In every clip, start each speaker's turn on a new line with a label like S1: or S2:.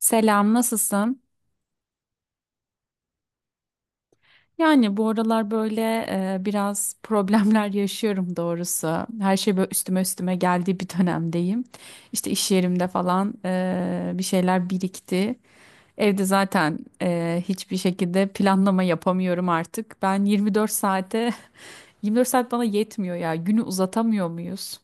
S1: Selam, nasılsın? Yani bu aralar böyle biraz problemler yaşıyorum doğrusu. Her şey böyle üstüme üstüme geldiği bir dönemdeyim. İşte iş yerimde falan bir şeyler birikti. Evde zaten hiçbir şekilde planlama yapamıyorum artık. Ben 24 saate, 24 saat bana yetmiyor ya. Günü uzatamıyor muyuz?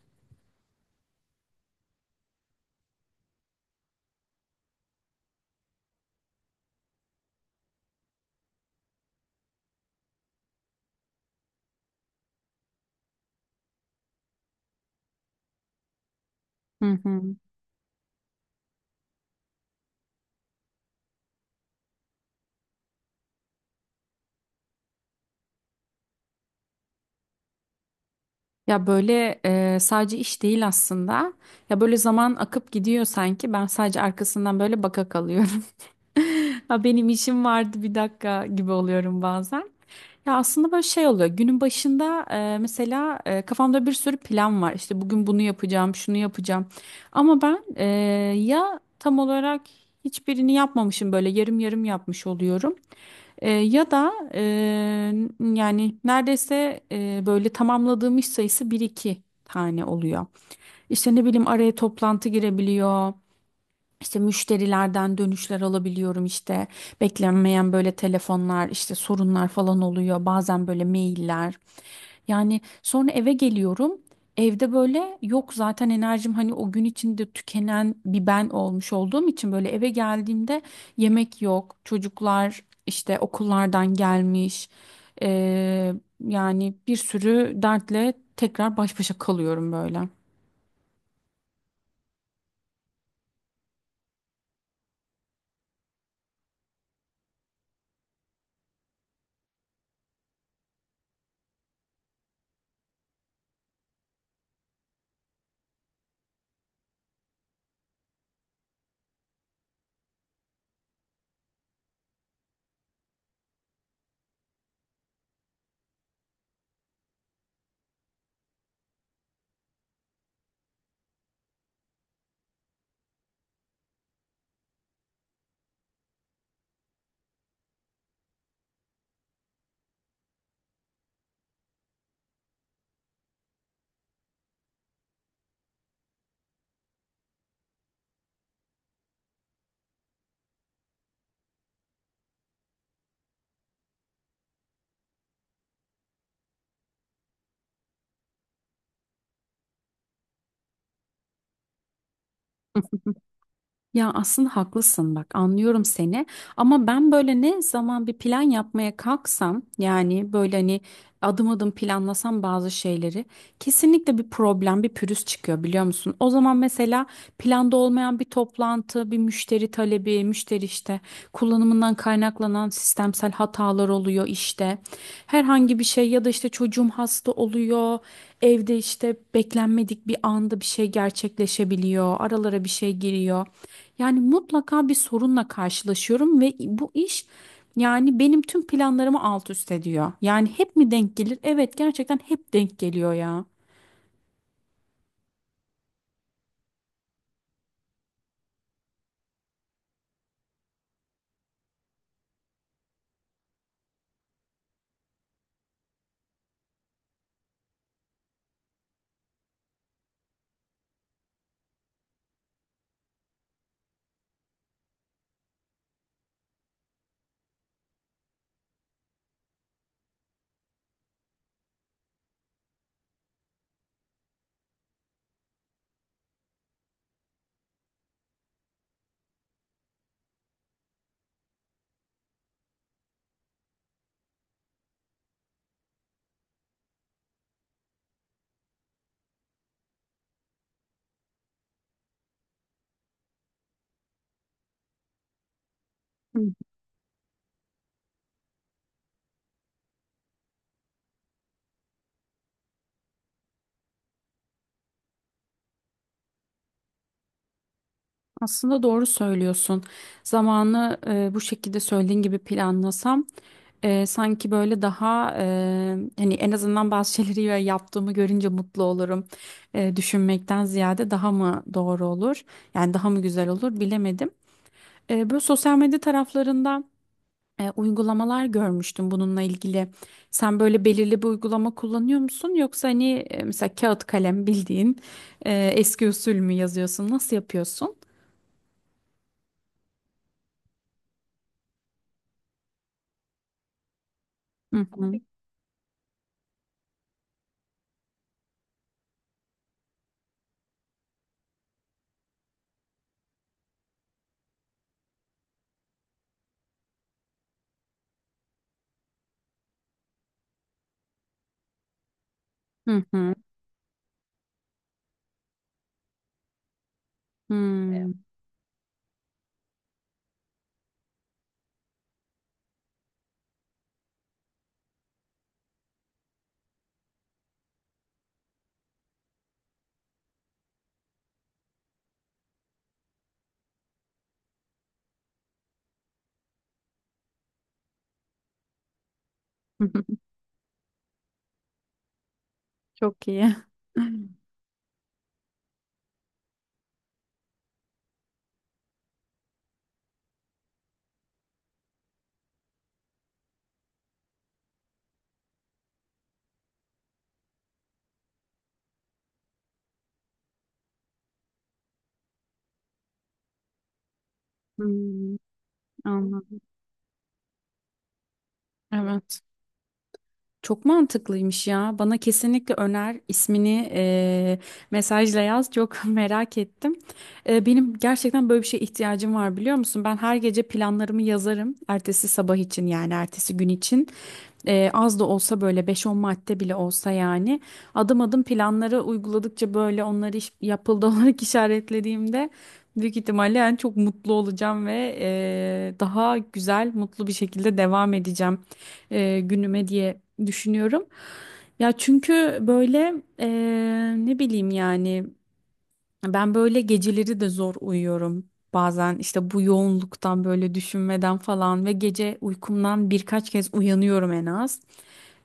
S1: Hı hı. Ya böyle sadece iş değil aslında. Ya böyle zaman akıp gidiyor sanki. Ben sadece arkasından böyle baka kalıyorum. Ha, benim işim vardı bir dakika gibi oluyorum bazen. Ya aslında böyle şey oluyor. Günün başında mesela kafamda bir sürü plan var. İşte bugün bunu yapacağım, şunu yapacağım. Ama ya tam olarak hiçbirini yapmamışım böyle yarım yarım yapmış oluyorum. E, ya da e, yani neredeyse böyle tamamladığım iş sayısı bir iki tane oluyor. İşte ne bileyim araya toplantı girebiliyor. İşte müşterilerden dönüşler alabiliyorum, işte beklenmeyen böyle telefonlar, işte sorunlar falan oluyor bazen, böyle mailler. Yani sonra eve geliyorum, evde böyle yok zaten enerjim, hani o gün içinde tükenen bir ben olmuş olduğum için böyle eve geldiğimde yemek yok, çocuklar işte okullardan gelmiş. Ee, Yani bir sürü dertle tekrar baş başa kalıyorum böyle. Ya aslında haklısın, bak anlıyorum seni ama ben böyle ne zaman bir plan yapmaya kalksam, yani böyle hani adım adım planlasam bazı şeyleri, kesinlikle bir problem, bir pürüz çıkıyor biliyor musun? O zaman mesela planda olmayan bir toplantı, bir müşteri talebi, müşteri işte kullanımından kaynaklanan sistemsel hatalar oluyor işte. Herhangi bir şey ya da işte çocuğum hasta oluyor. Evde işte beklenmedik bir anda bir şey gerçekleşebiliyor. Aralara bir şey giriyor. Yani mutlaka bir sorunla karşılaşıyorum ve bu iş yani benim tüm planlarımı alt üst ediyor. Yani hep mi denk gelir? Evet, gerçekten hep denk geliyor ya. Hı. Aslında doğru söylüyorsun. Zamanı bu şekilde söylediğin gibi planlasam, sanki böyle hani en azından bazı şeyleri yaptığımı görünce mutlu olurum. E, düşünmekten ziyade daha mı doğru olur? Yani daha mı güzel olur bilemedim. E, böyle sosyal medya taraflarında uygulamalar görmüştüm bununla ilgili. Sen böyle belirli bir uygulama kullanıyor musun? Yoksa hani mesela kağıt kalem bildiğin eski usul mü yazıyorsun? Nasıl yapıyorsun? Hı hı. Hı hı. Hmm. Çok iyi. Hmm, anladım. Evet. Çok mantıklıymış ya. Bana kesinlikle öner ismini, mesajla yaz. Çok merak ettim. E, benim gerçekten böyle bir şeye ihtiyacım var biliyor musun? Ben her gece planlarımı yazarım. Ertesi sabah için, yani ertesi gün için. Az da olsa böyle beş on madde bile olsa, yani adım adım planları uyguladıkça böyle onları yapıldı olarak işaretlediğimde büyük ihtimalle yani çok mutlu olacağım ve daha güzel, mutlu bir şekilde devam edeceğim günüme diye düşünüyorum. Ya çünkü böyle eee, ne bileyim yani, ben böyle geceleri de zor uyuyorum. Bazen işte bu yoğunluktan böyle düşünmeden falan ve gece uykumdan birkaç kez uyanıyorum en az.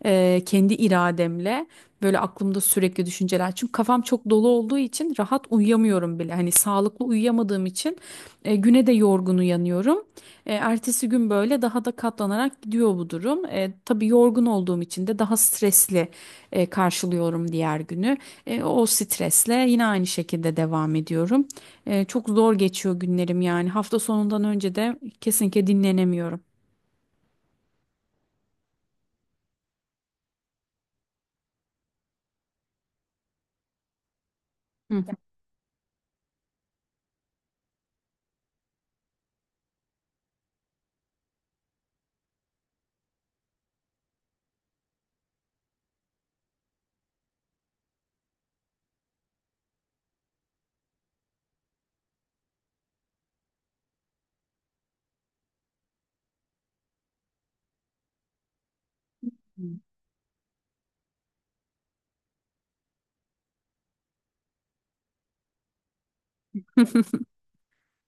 S1: Kendi irademle böyle aklımda sürekli düşünceler. Çünkü kafam çok dolu olduğu için rahat uyuyamıyorum bile. Hani sağlıklı uyuyamadığım için güne de yorgun uyanıyorum. Ertesi gün böyle daha da katlanarak gidiyor bu durum. E, tabii yorgun olduğum için de daha stresli karşılıyorum diğer günü. E, o stresle yine aynı şekilde devam ediyorum. E, çok zor geçiyor günlerim yani. Hafta sonundan önce de kesinlikle dinlenemiyorum. Hı.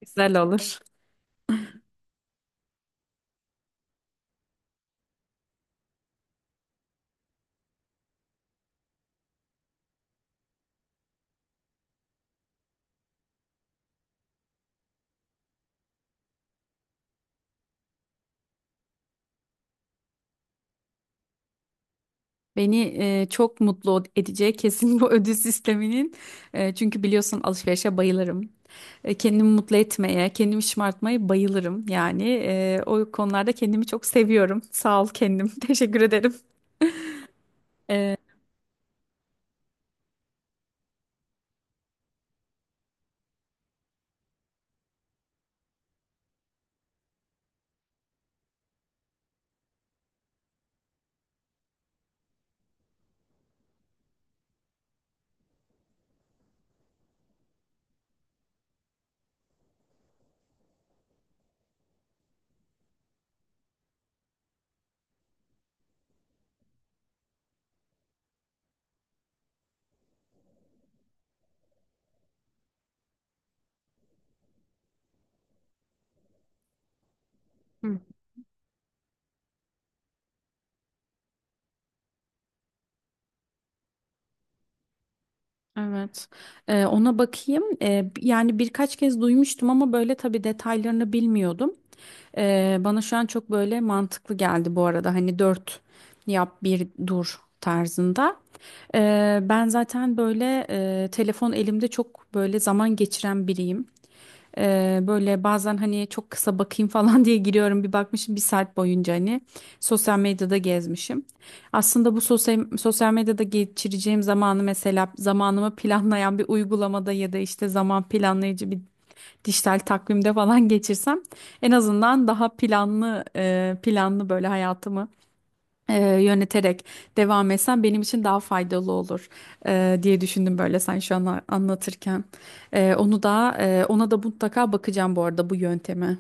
S1: Güzel olur. Beni çok mutlu edecek kesin bu ödül sisteminin. E, çünkü biliyorsun alışverişe bayılırım. E, kendimi mutlu etmeye, kendimi şımartmaya bayılırım. Yani o konularda kendimi çok seviyorum. Sağ ol kendim. Teşekkür ederim. E, Evet. Ona bakayım. Yani birkaç kez duymuştum ama böyle tabii detaylarını bilmiyordum. Bana şu an çok böyle mantıklı geldi bu arada. Hani dört yap bir dur tarzında. Ben zaten böyle telefon elimde çok böyle zaman geçiren biriyim. Böyle bazen hani çok kısa bakayım falan diye giriyorum, bir bakmışım bir saat boyunca hani sosyal medyada gezmişim. Aslında bu sosyal medyada geçireceğim zamanı, mesela zamanımı planlayan bir uygulamada ya da işte zaman planlayıcı bir dijital takvimde falan geçirsem en azından daha planlı, böyle hayatımı yöneterek devam etsem benim için daha faydalı olur diye düşündüm böyle sen şu an anlatırken. Ona da mutlaka bakacağım bu arada, bu yönteme.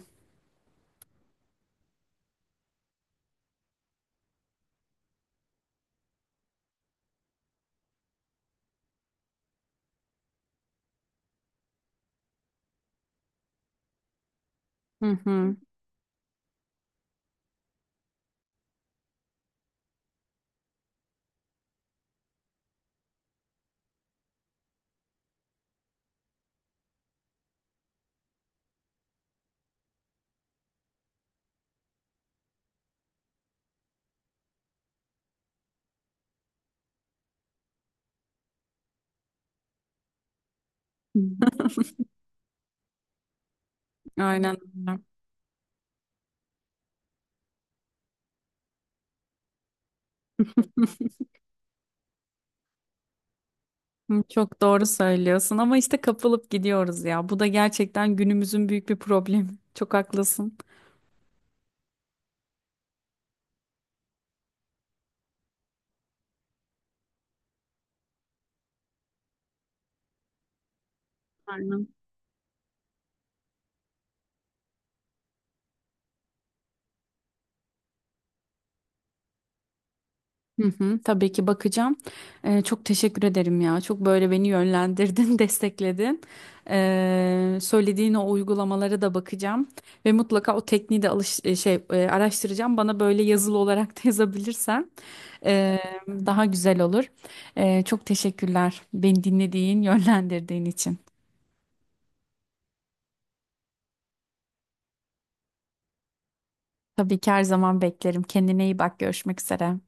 S1: Hı hı. Aynen öyle. Hı, çok doğru söylüyorsun ama işte kapılıp gidiyoruz ya. Bu da gerçekten günümüzün büyük bir problemi. Çok haklısın. Hı hı, tabii ki bakacağım. Çok teşekkür ederim ya. Çok böyle beni yönlendirdin, destekledin. Söylediğin o uygulamalara da bakacağım ve mutlaka o tekniği de alış e, şey e, araştıracağım. Bana böyle yazılı olarak da yazabilirsen e, daha güzel olur. E, çok teşekkürler beni dinlediğin, yönlendirdiğin için. Tabii ki her zaman beklerim. Kendine iyi bak. Görüşmek üzere.